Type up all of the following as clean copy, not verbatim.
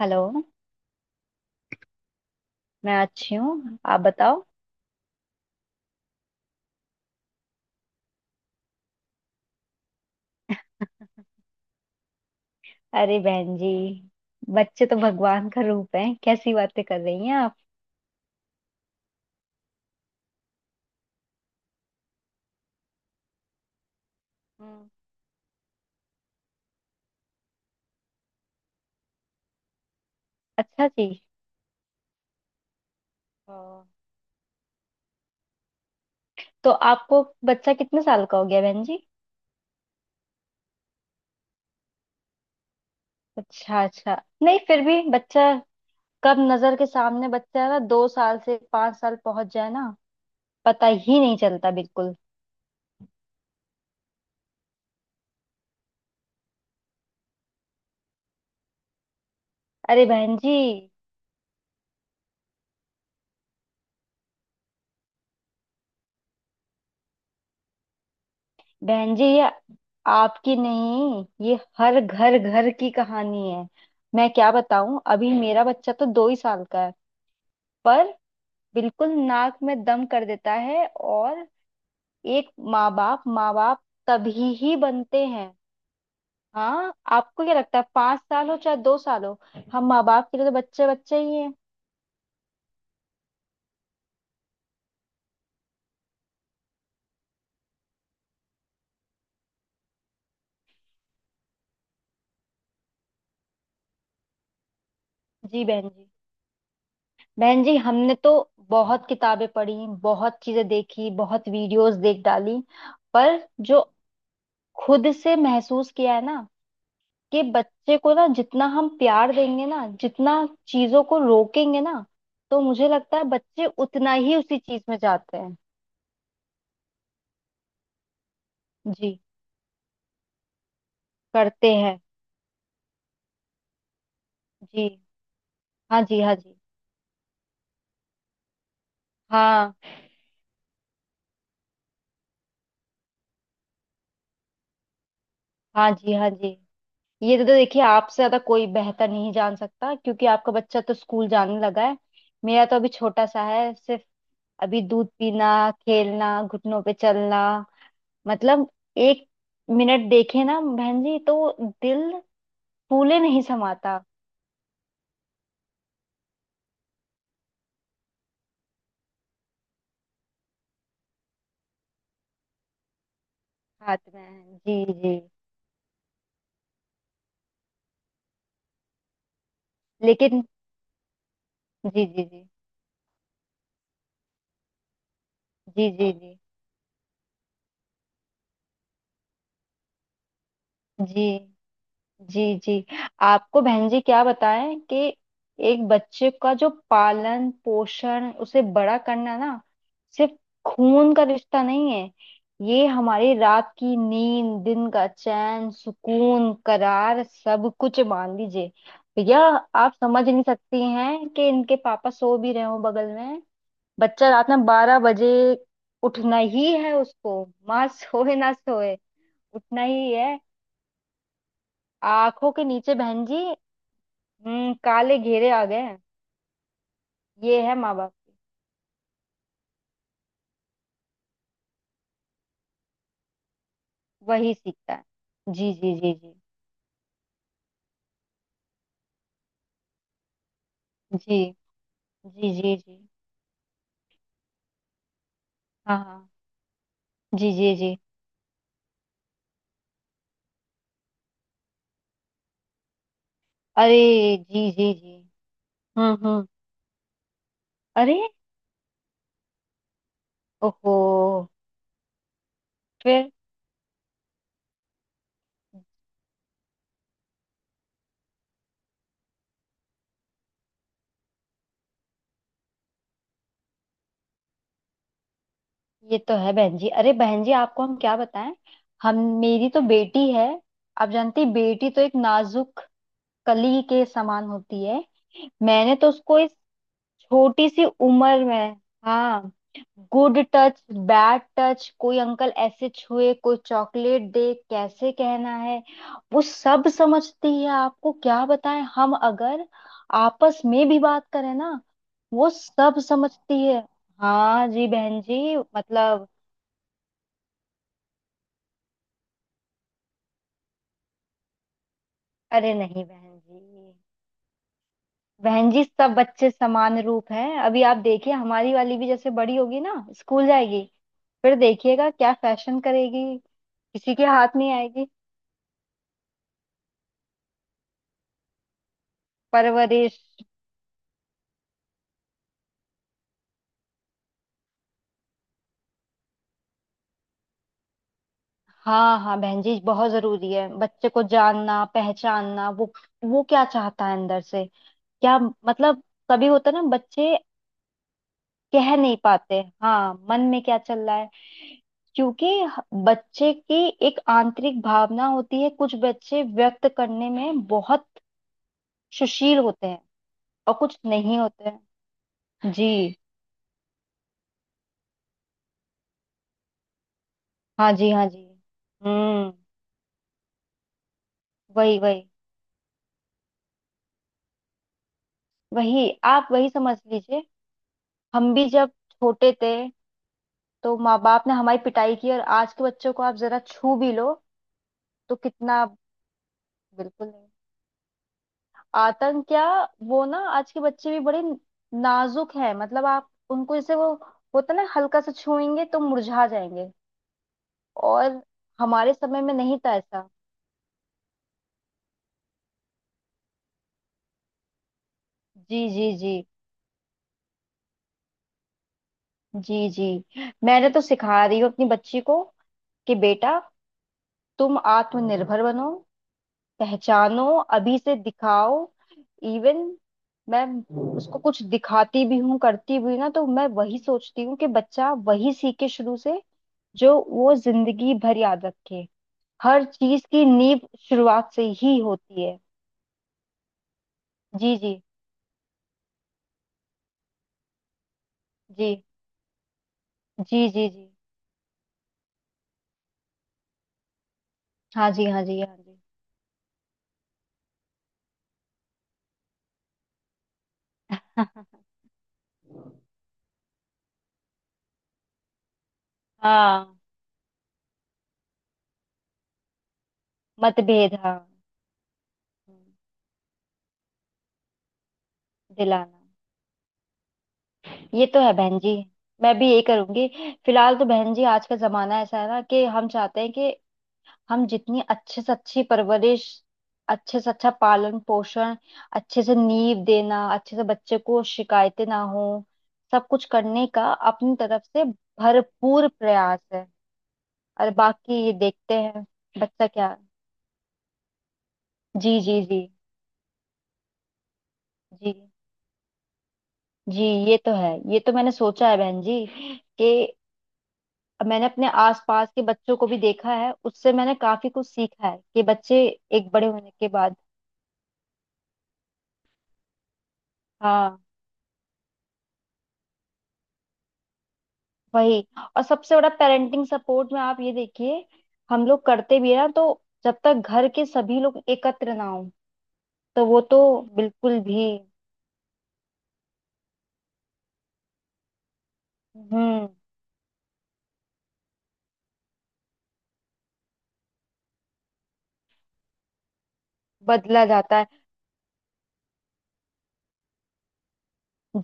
Hello. मैं अच्छी हूँ, आप बताओ। अरे बहन जी, बच्चे तो भगवान का रूप है, कैसी बातें कर रही हैं आप। हम्म। अच्छा जी। हाँ, तो आपको बच्चा कितने साल का हो गया बहन जी? अच्छा अच्छा। नहीं, फिर भी बच्चा कब नजर के सामने बच्चा है ना, दो साल से पांच साल पहुंच जाए ना, पता ही नहीं चलता बिल्कुल। अरे बहन जी, बहन जी ये आपकी नहीं, ये हर घर घर की कहानी है। मैं क्या बताऊं, अभी मेरा बच्चा तो दो ही साल का है, पर बिल्कुल नाक में दम कर देता है। और एक माँ बाप तभी ही बनते हैं। हाँ, आपको क्या लगता है, पांच साल हो चाहे दो साल हो, हम माँ बाप के लिए तो बच्चे बच्चे ही हैं। जी बहन जी, बहन जी हमने तो बहुत किताबें पढ़ी, बहुत चीजें देखी, बहुत वीडियोस देख डाली, पर जो खुद से महसूस किया है ना, कि बच्चे को ना जितना हम प्यार देंगे ना, जितना चीजों को रोकेंगे ना, तो मुझे लगता है बच्चे उतना ही उसी चीज में जाते हैं। जी, करते हैं। जी हाँ जी, हाँ जी। हाँ हाँ जी, हाँ जी, ये तो देखिए आपसे ज्यादा कोई बेहतर नहीं जान सकता, क्योंकि आपका बच्चा तो स्कूल जाने लगा है। मेरा तो अभी छोटा सा है, सिर्फ अभी दूध पीना, खेलना, घुटनों पे चलना, मतलब एक मिनट देखे ना बहन जी, तो दिल फूले नहीं समाता। हाथ में, जी जी। लेकिन जी जी जी जी, जी जी जी जी जी। आपको बहन जी क्या बताएं कि एक बच्चे का जो पालन पोषण, उसे बड़ा करना ना, सिर्फ खून का रिश्ता नहीं है, ये हमारी रात की नींद, दिन का चैन, सुकून, करार, सब कुछ मान लीजिए भैया। आप समझ नहीं सकती हैं कि इनके पापा सो भी रहे हो बगल में, बच्चा रात में बारह बजे उठना ही है उसको। माँ सोए ना सोए, उठना ही है। आंखों के नीचे बहन जी, हम्म, काले घेरे आ गए हैं। ये है माँ बाप की। वही सीखता है। जी जी जी जी, जी जी जी जी। हाँ हाँ, जी जी जी। अरे, जी जी जी। हम्म। अरे, ओहो। फिर, ये तो है बहन जी। अरे बहन जी, आपको हम क्या बताएं, हम मेरी तो बेटी है, आप जानती बेटी तो एक नाजुक कली के समान होती है। मैंने तो उसको इस छोटी सी उम्र में हाँ गुड टच बैड टच, कोई अंकल ऐसे छुए, कोई चॉकलेट दे, कैसे कहना है, वो सब समझती है। आपको क्या बताएं, हम अगर आपस में भी बात करें ना, वो सब समझती है। हाँ जी बहन जी, मतलब अरे नहीं बहन जी, बहन जी सब बच्चे समान रूप हैं। अभी आप देखिए, हमारी वाली भी जैसे बड़ी होगी ना, स्कूल जाएगी, फिर देखिएगा क्या फैशन करेगी, किसी के हाथ नहीं आएगी। परवरिश हाँ, हाँ बहन जी, बहुत जरूरी है बच्चे को जानना पहचानना, वो क्या चाहता है अंदर से, क्या मतलब, कभी होता है ना बच्चे कह नहीं पाते, हाँ मन में क्या चल रहा है, क्योंकि बच्चे की एक आंतरिक भावना होती है। कुछ बच्चे व्यक्त करने में बहुत सुशील होते हैं, और कुछ नहीं होते हैं। जी हाँ जी, हाँ जी। हम्म। वही वही, वही आप, वही समझ लीजिए। हम भी जब छोटे थे, तो माँ बाप ने हमारी पिटाई की, और आज के बच्चों को आप जरा छू भी लो तो कितना, बिल्कुल नहीं। आतंक क्या, वो ना आज के बच्चे भी बड़े नाजुक हैं, मतलब आप उनको जैसे वो होता ना, हल्का सा छूएंगे तो मुरझा जाएंगे। और हमारे समय में नहीं था ऐसा। जी जी जी, जी जी। मैंने तो सिखा रही हूँ अपनी बच्ची को कि बेटा, तुम आत्मनिर्भर बनो, पहचानो, अभी से दिखाओ। इवन मैं उसको कुछ दिखाती भी हूँ, करती भी हूँ ना, तो मैं वही सोचती हूँ कि बच्चा वही सीखे शुरू से, जो वो जिंदगी भर याद रखे। हर चीज की नींव शुरुआत से ही होती है। जी जी जी, जी जी जी। हाँ जी, हाँ जी, हाँ जी। हाँ, मतभेद हाँ। हम्म। दिलाना, ये तो है बहन जी, मैं भी यही करूंगी। फिलहाल तो बहन जी आज का जमाना ऐसा है ना, कि हम चाहते हैं कि हम जितनी अच्छे से अच्छी परवरिश, अच्छे से अच्छा पालन पोषण, अच्छे से नींव देना, अच्छे से बच्चे को शिकायतें ना हो, सब कुछ करने का अपनी तरफ से भरपूर प्रयास है, और बाकी ये देखते हैं बच्चा क्या। जी जी जी, जी जी। ये तो है, ये तो मैंने सोचा है बहन जी, कि मैंने अपने आसपास के बच्चों को भी देखा है, उससे मैंने काफी कुछ सीखा है कि बच्चे एक बड़े होने के बाद, हाँ वही। और सबसे बड़ा पेरेंटिंग सपोर्ट में आप ये देखिए, हम लोग करते भी है ना तो, जब तक घर के सभी लोग एकत्र ना हो तो, वो तो बिल्कुल भी। हम्म, बदला जाता है।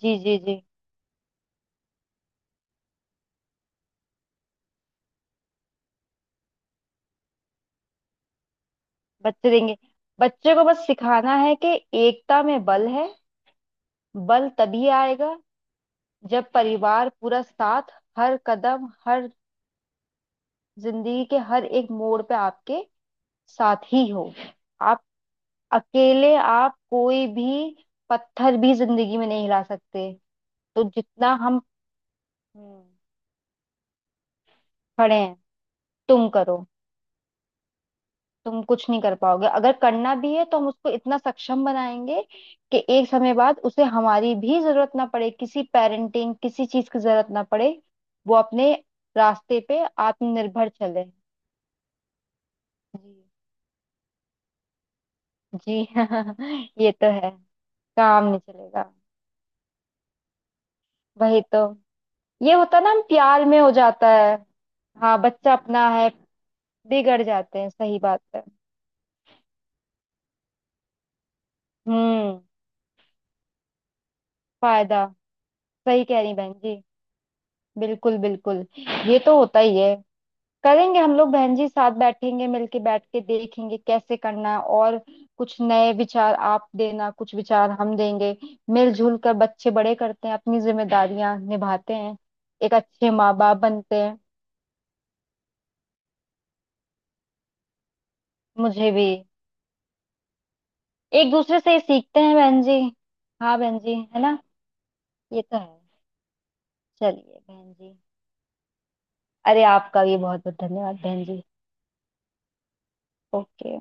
जी जी जी। बच्चे देंगे, बच्चे को बस सिखाना है कि एकता में बल है। बल तभी आएगा जब परिवार पूरा साथ, हर कदम, हर जिंदगी के हर एक मोड़ पे आपके साथ ही हो। आप अकेले आप कोई भी पत्थर भी जिंदगी में नहीं हिला सकते। तो जितना हम, हम्म, खड़े हैं, तुम करो। तुम कुछ नहीं कर पाओगे, अगर करना भी है तो हम उसको इतना सक्षम बनाएंगे कि एक समय बाद उसे हमारी भी जरूरत ना पड़े, किसी पेरेंटिंग किसी चीज की जरूरत ना पड़े, वो अपने रास्ते पे आत्मनिर्भर चले। जी जी। ये तो है, काम नहीं चलेगा। वही तो, ये होता है ना, हम प्यार में हो जाता है। हाँ बच्चा अपना है, बिगड़ जाते हैं, सही बात है। हम्म, फायदा, सही कह रही बहन जी, बिल्कुल बिल्कुल, ये तो होता ही है। करेंगे हम लोग बहन जी, साथ बैठेंगे, मिलके बैठ के देखेंगे कैसे करना है, और कुछ नए विचार आप देना, कुछ विचार हम देंगे। मिलजुल कर बच्चे बड़े करते हैं, अपनी जिम्मेदारियां निभाते हैं, एक अच्छे माँ बाप बनते हैं। मुझे भी एक दूसरे से सीखते हैं बहन जी, हाँ बहन जी, है ना, ये तो है। चलिए बहन जी, अरे आपका भी बहुत बहुत धन्यवाद बहन जी। ओके।